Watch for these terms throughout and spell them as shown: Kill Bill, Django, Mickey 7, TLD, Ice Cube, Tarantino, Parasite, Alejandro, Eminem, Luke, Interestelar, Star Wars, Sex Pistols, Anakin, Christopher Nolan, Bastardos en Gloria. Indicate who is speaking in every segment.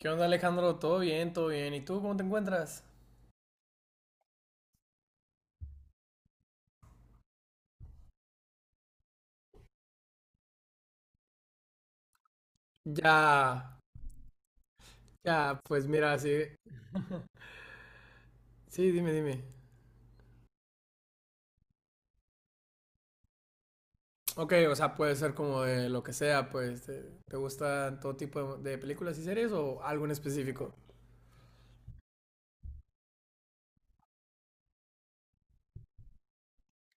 Speaker 1: ¿Qué onda, Alejandro? ¿Todo bien? ¿Todo bien? ¿Y tú cómo te encuentras? Ya, ya, pues mira, sí, sí, dime, dime. Ok, o sea, puede ser como de lo que sea, pues, ¿te gustan todo tipo de películas y series o algo en específico?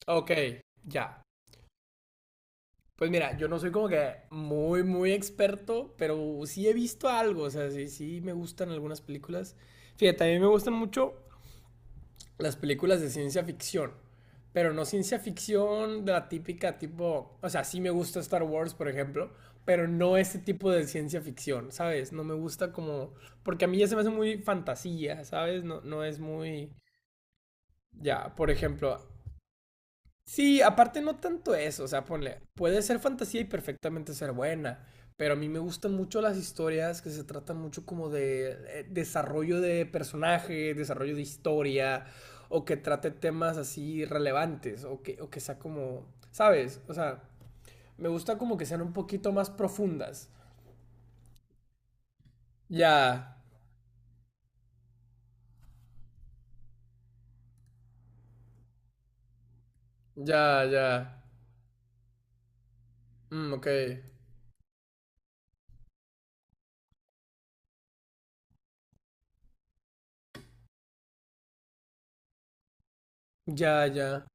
Speaker 1: Ok, ya. Pues mira, yo no soy como que muy, muy experto, pero sí he visto algo, o sea, sí, sí me gustan algunas películas. Fíjate, a mí me gustan mucho las películas de ciencia ficción. Pero no ciencia ficción de la típica tipo, o sea, sí me gusta Star Wars, por ejemplo, pero no ese tipo de ciencia ficción, ¿sabes? No me gusta como, porque a mí ya se me hace muy fantasía, ¿sabes? No, no es muy, ya, por ejemplo, sí, aparte no tanto eso, o sea, ponle, puede ser fantasía y perfectamente ser buena, pero a mí me gustan mucho las historias que se tratan mucho como de desarrollo de personaje, desarrollo de historia, o que trate temas así relevantes, o que sea como, ¿sabes? O sea, me gusta como que sean un poquito más profundas. Ya, ya, ya. Ok. Ya, ya.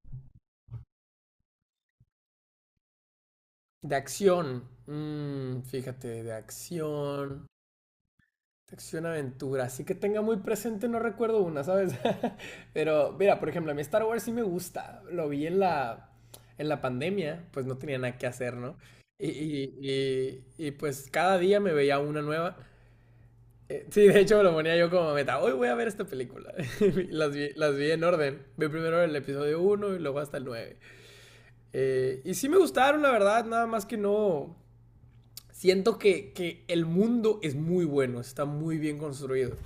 Speaker 1: De acción. Fíjate, de acción. Acción aventura, así que tenga muy presente, no recuerdo una, ¿sabes? Pero mira, por ejemplo, a mí Star Wars sí me gusta, lo vi en la pandemia, pues no tenía nada que hacer, ¿no? Pues cada día me veía una nueva. Sí, de hecho me lo ponía yo como meta, hoy voy a ver esta película. Y las vi en orden, vi primero el episodio uno y luego hasta el 9. Y sí me gustaron, la verdad, nada más que no... Siento que el mundo es muy bueno, está muy bien construido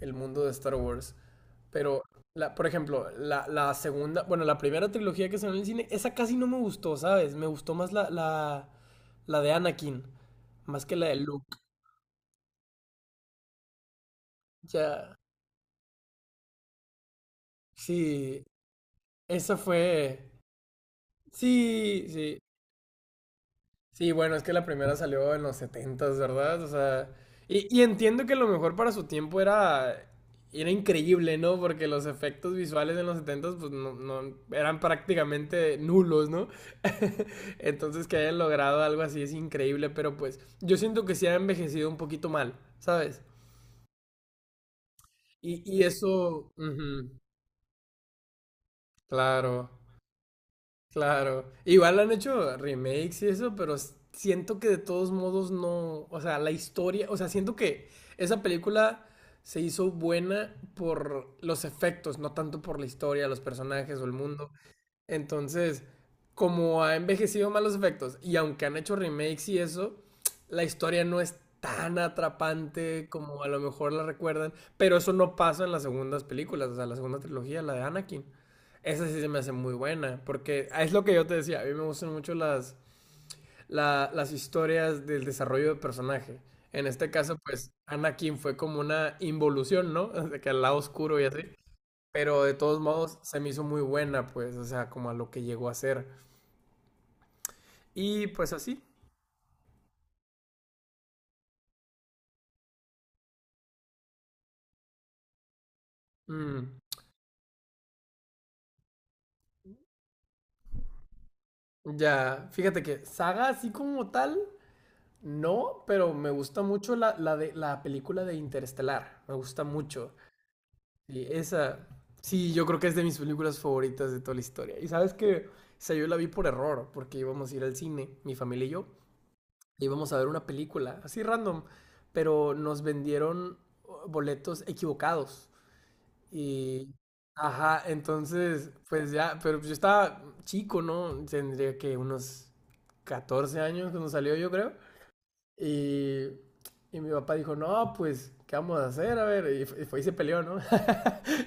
Speaker 1: el mundo de Star Wars. Pero, la, por ejemplo, la segunda, bueno, la primera trilogía que salió en el cine, esa casi no me gustó, ¿sabes? Me gustó más la de Anakin, más que la de Luke. Ya, sí, esa fue... Sí, sí, sí, bueno, es que la primera salió en los setentas, ¿verdad? O sea, y entiendo que lo mejor para su tiempo era, era increíble, ¿no? Porque los efectos visuales en los 70 pues no, eran prácticamente nulos, ¿no? Entonces que hayan logrado algo así es increíble, pero pues yo siento que sí ha envejecido un poquito mal, ¿sabes? Eso, ujú, claro. Claro. Igual han hecho remakes y eso, pero siento que de todos modos no. O sea, la historia. O sea, siento que esa película se hizo buena por los efectos, no tanto por la historia, los personajes o el mundo. Entonces, como ha envejecido mal los efectos, y aunque han hecho remakes y eso, la historia no es tan atrapante como a lo mejor la recuerdan. Pero eso no pasa en las segundas películas, o sea, la segunda trilogía, la de Anakin. Esa sí se me hace muy buena, porque es lo que yo te decía, a mí me gustan mucho las, las historias del desarrollo de personaje. En este caso, pues Anakin fue como una involución, ¿no? De que al lado oscuro y así. Pero de todos modos se me hizo muy buena, pues, o sea, como a lo que llegó a ser. Y pues así. mm, ya, fíjate que saga así como tal, no, pero me gusta mucho la, la de la película de Interestelar. Me gusta mucho. Sí, esa, sí, yo creo que es de mis películas favoritas de toda la historia. Y sabes que, esa yo la vi por error, porque íbamos a ir al cine, mi familia y yo, e íbamos a ver una película, así random, pero nos vendieron boletos equivocados. Y, ajá, entonces, pues ya, pero yo estaba chico, ¿no? Tendría que unos 14 años cuando salió, yo creo. Y, mi papá dijo, no, pues, ¿qué vamos a hacer? A ver, y, y se peleó, ¿no?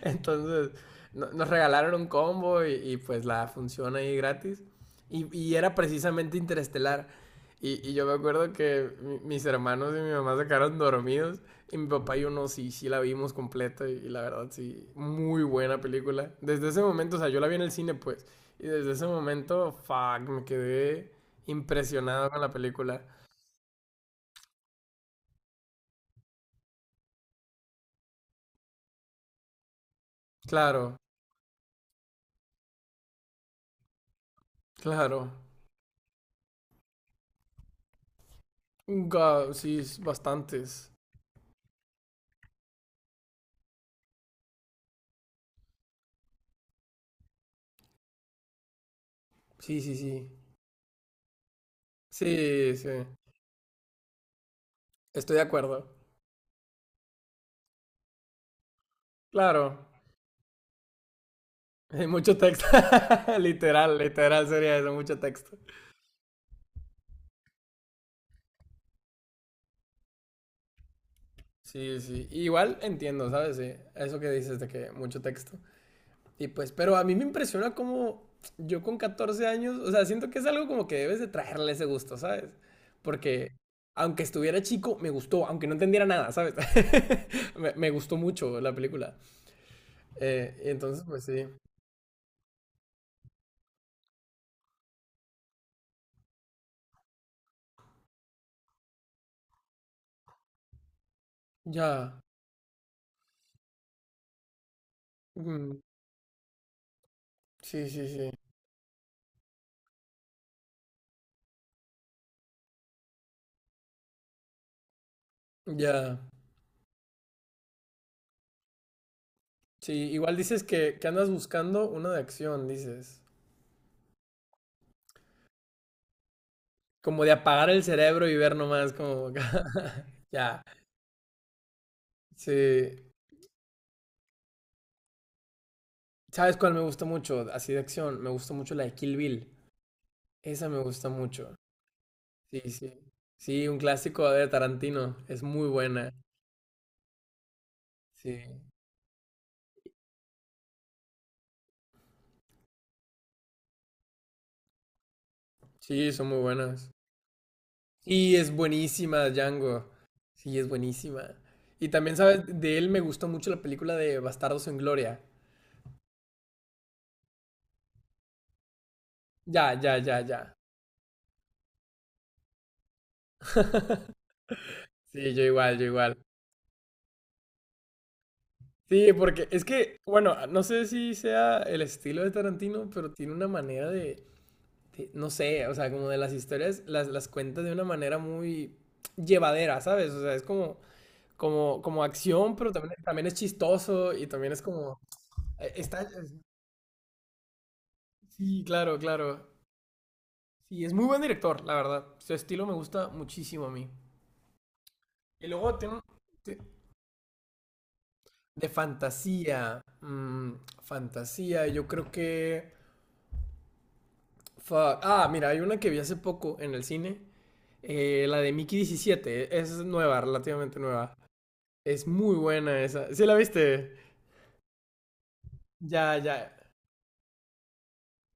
Speaker 1: Entonces nos regalaron un combo y, pues la función ahí gratis. Y era precisamente Interestelar. Y yo me acuerdo que mis hermanos y mi mamá se quedaron dormidos. Y mi papá y yo no, sí, sí la vimos completa. Y la verdad, sí, muy buena película. Desde ese momento, o sea, yo la vi en el cine, pues. Y desde ese momento, fuck, me quedé impresionado con la película. Claro, claro. Sí, bastantes. Sí, sí, sí. Sí, sí. Estoy de acuerdo. Claro. Hay mucho texto. Literal, literal sería eso, mucho texto. Sí, sí. Igual entiendo, ¿sabes? Sí. Eso que dices de que mucho texto. Y pues, pero a mí me impresiona cómo yo con 14 años, o sea, siento que es algo como que debes de traerle ese gusto, ¿sabes? Porque aunque estuviera chico, me gustó, aunque no entendiera nada, ¿sabes? Me gustó mucho la película. Y entonces, pues sí. Ya. Mm, sí, sí, sí. Ya. Sí, igual dices que andas buscando una de acción, dices. Como de apagar el cerebro y ver nomás como... Ya, sí. ¿Sabes cuál me gusta mucho? Así de acción. Me gusta mucho la de Kill Bill. Esa me gusta mucho. Sí, sí. Sí, un clásico de Tarantino. Es muy buena. Sí. Sí, son muy buenas. Y es buenísima, Django. Sí, es buenísima. Y también, ¿sabes? De él me gustó mucho la película de Bastardos en Gloria. Ya, ya, ya, ya. Sí, yo igual, yo igual. Sí, porque es que, bueno, no sé si sea el estilo de Tarantino, pero tiene una manera de, no sé, o sea, como de las historias, las cuenta de una manera muy llevadera, ¿sabes? O sea, es como, como, como acción, pero también, también es chistoso y también es como, eh, está, es- sí, claro, claro. Sí, es muy buen director, la verdad. Su estilo me gusta muchísimo a mí. Y luego tiene, ti- de fantasía, fantasía, yo creo que... Fuck. Ah, mira, hay una que vi hace poco en el cine. La de Mickey 17, es nueva, relativamente nueva. Es muy buena esa. ¿Sí la viste? Ya, ya.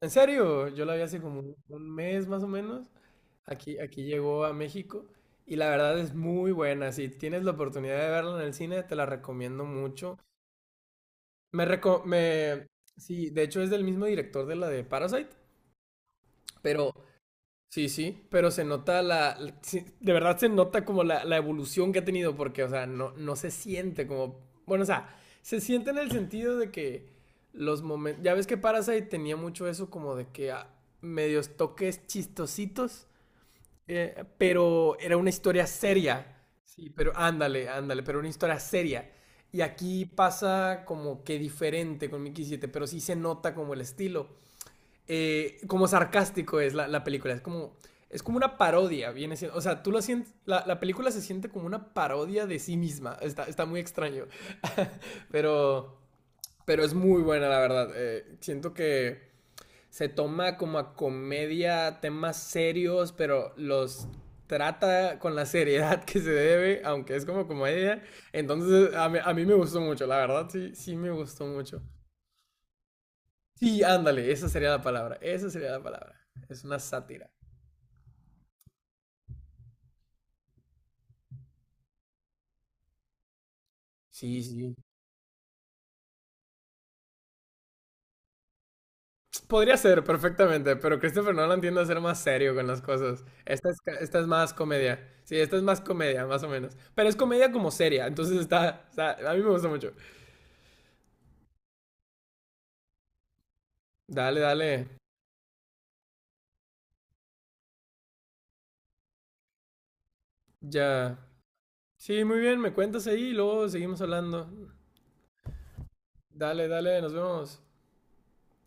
Speaker 1: ¿En serio? Yo la vi hace como un mes más o menos. Aquí, aquí llegó a México. Y la verdad es muy buena. Si tienes la oportunidad de verla en el cine, te la recomiendo mucho. Me reco- me... Sí, de hecho es del mismo director de la de Parasite. Pero sí, sí, pero se nota la, sí, de verdad se nota como la evolución que ha tenido, porque, o sea, no, no se siente como, bueno, o sea, se siente en el sentido de que los momentos, ya ves que Parasite tenía mucho eso como de que ah, medios toques chistositos, pero era una historia seria, sí, pero ándale, ándale, pero una historia seria. Y aquí pasa como que diferente con Mickey 7, pero sí se nota como el estilo como sarcástico es la película. Es como una parodia, viene siendo, o sea, tú lo sientes, la película se siente como una parodia de sí misma. Está, está muy extraño, pero, pero es muy buena, la verdad. Siento que se toma como a comedia temas serios, pero los trata con la seriedad que se debe, aunque es como comedia. Entonces, a mí me gustó mucho, la verdad, sí, sí me gustó mucho. Sí, ándale, esa sería la palabra. Esa sería la palabra. Es una sátira. Sí, sí. Podría ser perfectamente, pero Christopher Nolan tiende a ser más serio con las cosas. Esta es, esta es más comedia. Sí, esta es más comedia, más o menos. Pero es comedia como seria, entonces está, está- A mí me gusta mucho. Dale, dale. Ya. Sí, muy bien, me cuentas ahí y luego seguimos hablando. Dale, dale, nos vemos.